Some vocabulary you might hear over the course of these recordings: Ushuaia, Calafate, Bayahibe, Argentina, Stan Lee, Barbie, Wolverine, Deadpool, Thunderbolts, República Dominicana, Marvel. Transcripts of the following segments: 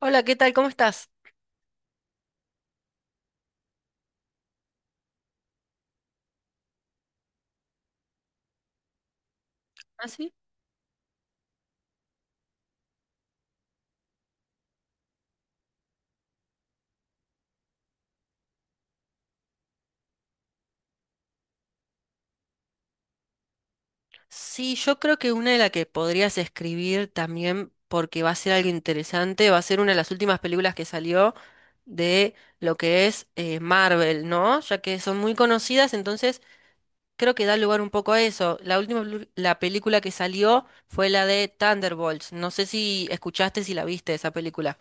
Hola, ¿qué tal? ¿Cómo estás? ¿Ah, sí? Sí, yo creo que una de las que podrías escribir también, porque va a ser algo interesante, va a ser una de las últimas películas que salió de lo que es Marvel, ¿no? Ya que son muy conocidas, entonces creo que da lugar un poco a eso. La última, la película que salió fue la de Thunderbolts. No sé si escuchaste, si la viste esa película.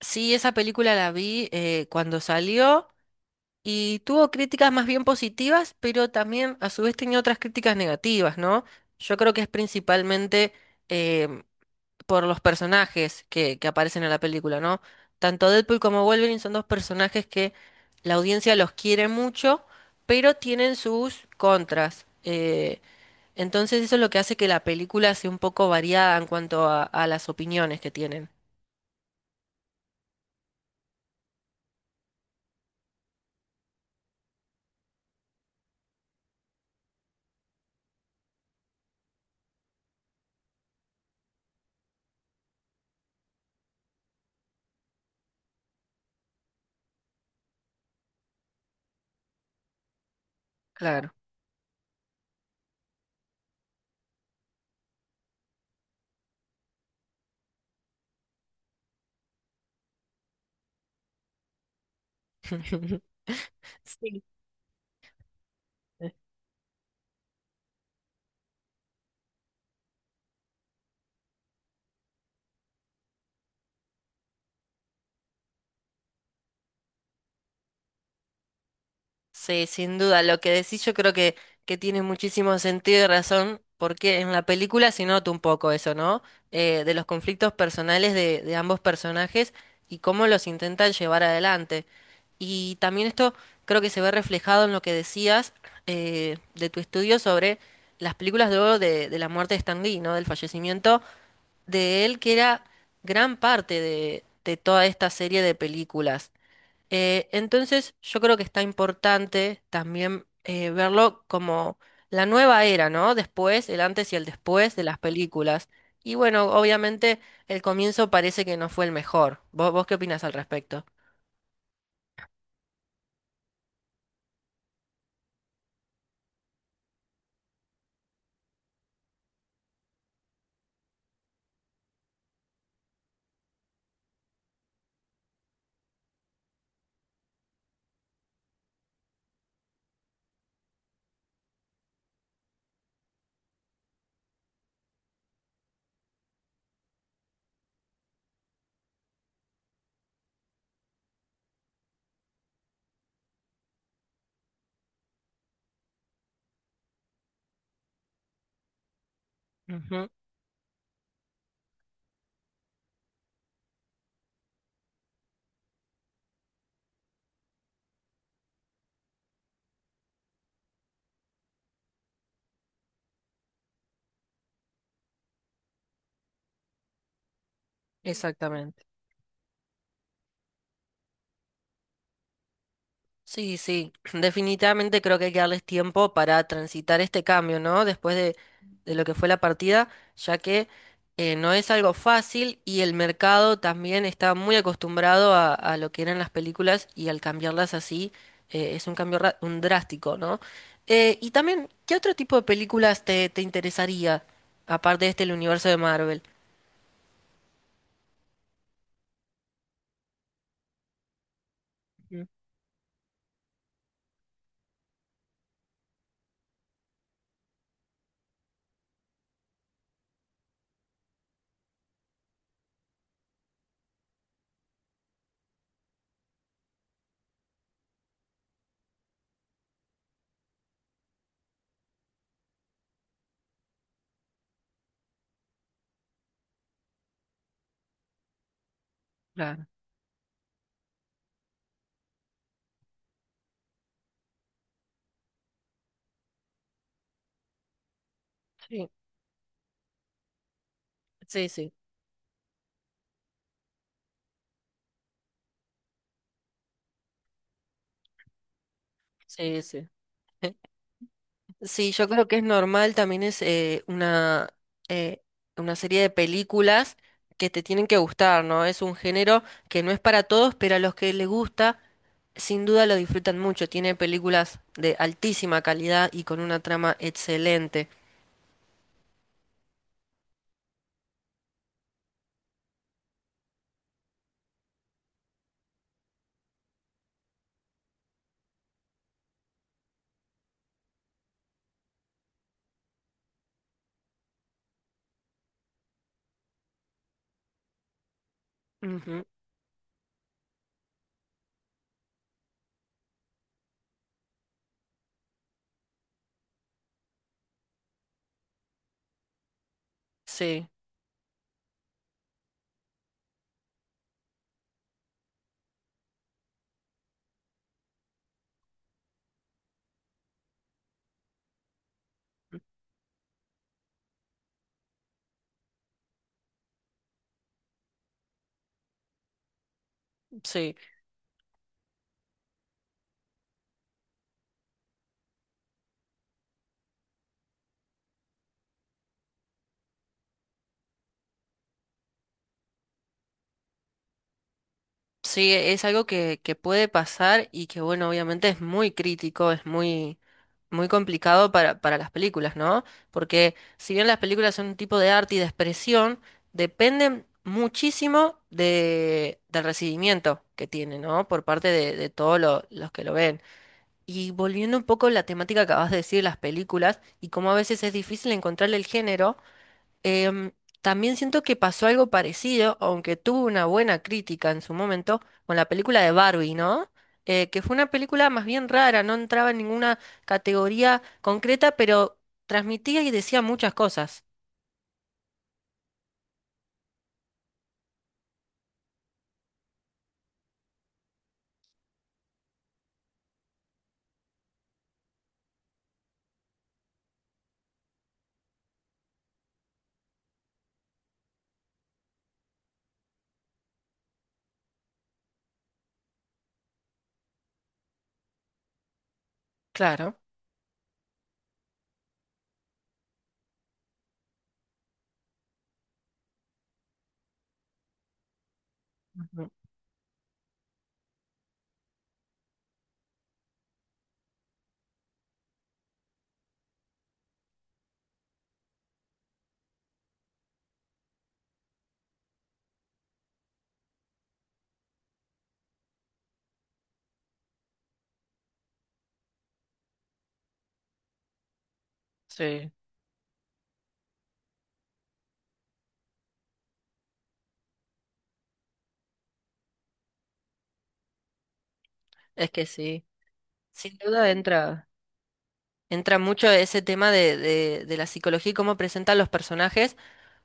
Sí, esa película la vi cuando salió. Y tuvo críticas más bien positivas, pero también a su vez tenía otras críticas negativas, ¿no? Yo creo que es principalmente em, por los personajes que aparecen en la película, ¿no? Tanto Deadpool como Wolverine son dos personajes que la audiencia los quiere mucho, pero tienen sus contras. Entonces eso es lo que hace que la película sea un poco variada en cuanto a las opiniones que tienen. Claro. Sí. Sí, sin duda. Lo que decís yo creo que tiene muchísimo sentido y razón, porque en la película se nota un poco eso, ¿no? De los conflictos personales de ambos personajes y cómo los intentan llevar adelante. Y también esto creo que se ve reflejado en lo que decías de tu estudio sobre las películas de oro de la muerte de Stan Lee, ¿no? Del fallecimiento de él, que era gran parte de toda esta serie de películas. Entonces, yo creo que está importante también verlo como la nueva era, ¿no? Después, el antes y el después de las películas. Y bueno, obviamente el comienzo parece que no fue el mejor. Vos qué opinas al respecto? Ujú. Exactamente. Sí, sí, definitivamente creo que hay que darles tiempo para transitar este cambio, ¿no? Después de lo que fue la partida, ya que no es algo fácil y el mercado también está muy acostumbrado a lo que eran las películas y al cambiarlas así es un cambio un drástico, ¿no? Y también, ¿qué otro tipo de películas te interesaría, aparte de este, el universo de Marvel? Mm. Claro. Sí, sí, sí, sí, sí. Sí, yo creo que es normal, también es eh, una serie de películas que te tienen que gustar, ¿no? Es un género que no es para todos, pero a los que les gusta, sin duda lo disfrutan mucho. Tiene películas de altísima calidad y con una trama excelente. Ujú. Sí, sí. Sí, es algo que puede pasar y que, bueno, obviamente es muy crítico, es muy muy complicado para las películas, ¿no? Porque si bien las películas son un tipo de arte y de expresión, dependen muchísimo del recibimiento que tiene, ¿no? Por parte de todos los que lo ven. Y volviendo un poco a la temática que acabas de decir, las películas, y cómo a veces es difícil encontrarle el género. Em, también siento que pasó algo parecido, aunque tuvo una buena crítica en su momento, con la película de Barbie, ¿no? Que fue una película más bien rara, no entraba en ninguna categoría concreta, pero transmitía y decía muchas cosas. Claro. Ujú. Sí, es que sí. Sin duda entra mucho ese tema de la psicología y cómo presentan los personajes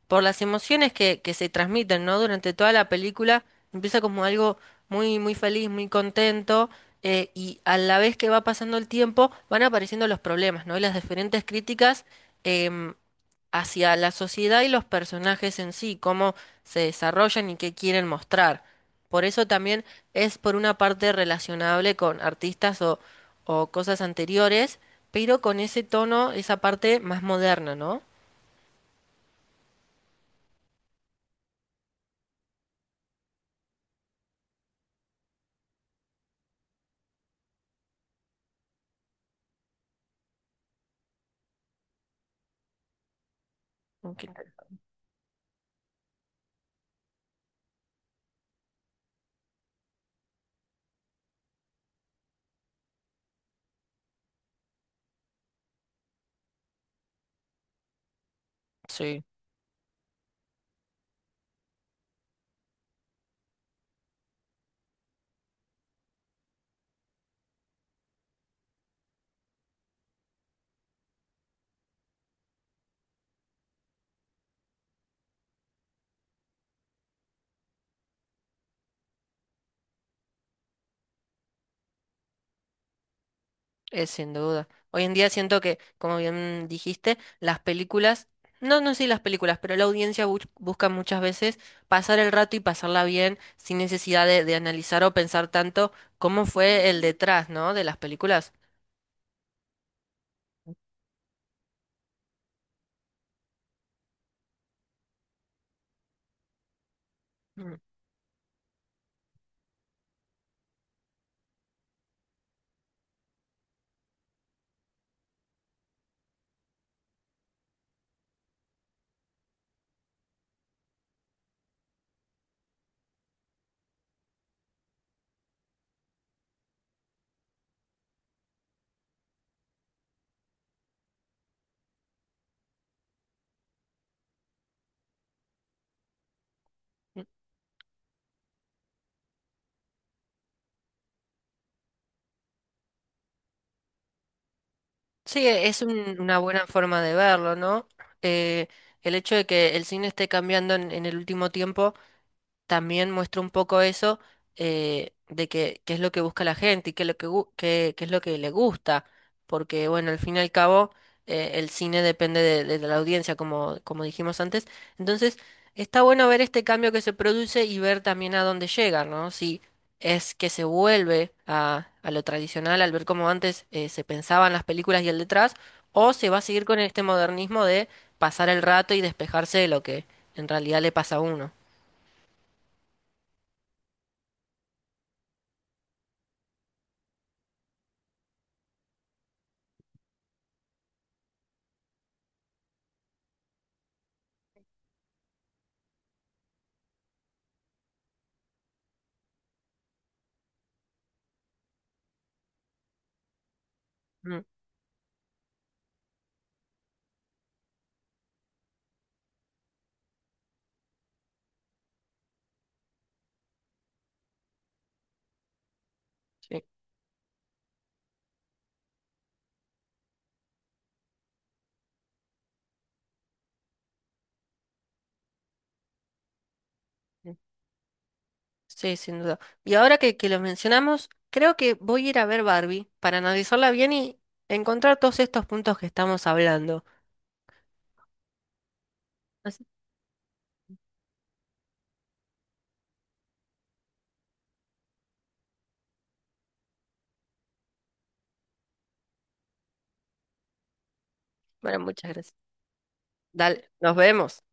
por las emociones que se transmiten, ¿no? Durante toda la película empieza como algo muy, muy feliz, muy contento, y a la vez que va pasando el tiempo van apareciendo los problemas, ¿no? Y las diferentes críticas em, hacia la sociedad y los personajes en sí, cómo se desarrollan y qué quieren mostrar. Por eso también es por una parte relacionable con artistas o cosas anteriores, pero con ese tono, esa parte más moderna, ¿no? Ok. Sí. Es sin duda. Hoy en día siento que, como bien dijiste, las películas, no, no sí las películas, pero la audiencia busca muchas veces pasar el rato y pasarla bien sin necesidad de analizar o pensar tanto cómo fue el detrás, ¿no? De las películas. Mm. Sí, es una buena forma de verlo, ¿no? Eh, el hecho de que el cine esté cambiando en el último tiempo también muestra un poco eso de que, qué es lo que busca la gente y qué es lo qué es lo que le gusta, porque bueno, al fin y al cabo el cine depende de la audiencia, como, como dijimos antes. Entonces, está bueno ver este cambio que se produce y ver también a dónde llega, ¿no? Si es que se vuelve a lo tradicional al ver cómo antes se pensaban las películas y el detrás, o se va a seguir con este modernismo de pasar el rato y despejarse de lo que en realidad le pasa a uno. Mm. Sí, sin duda. Y ahora que lo mencionamos, creo que voy a ir a ver Barbie para analizarla bien y encontrar todos estos puntos que estamos hablando. Así- Bueno, muchas gracias. Dale, nos vemos.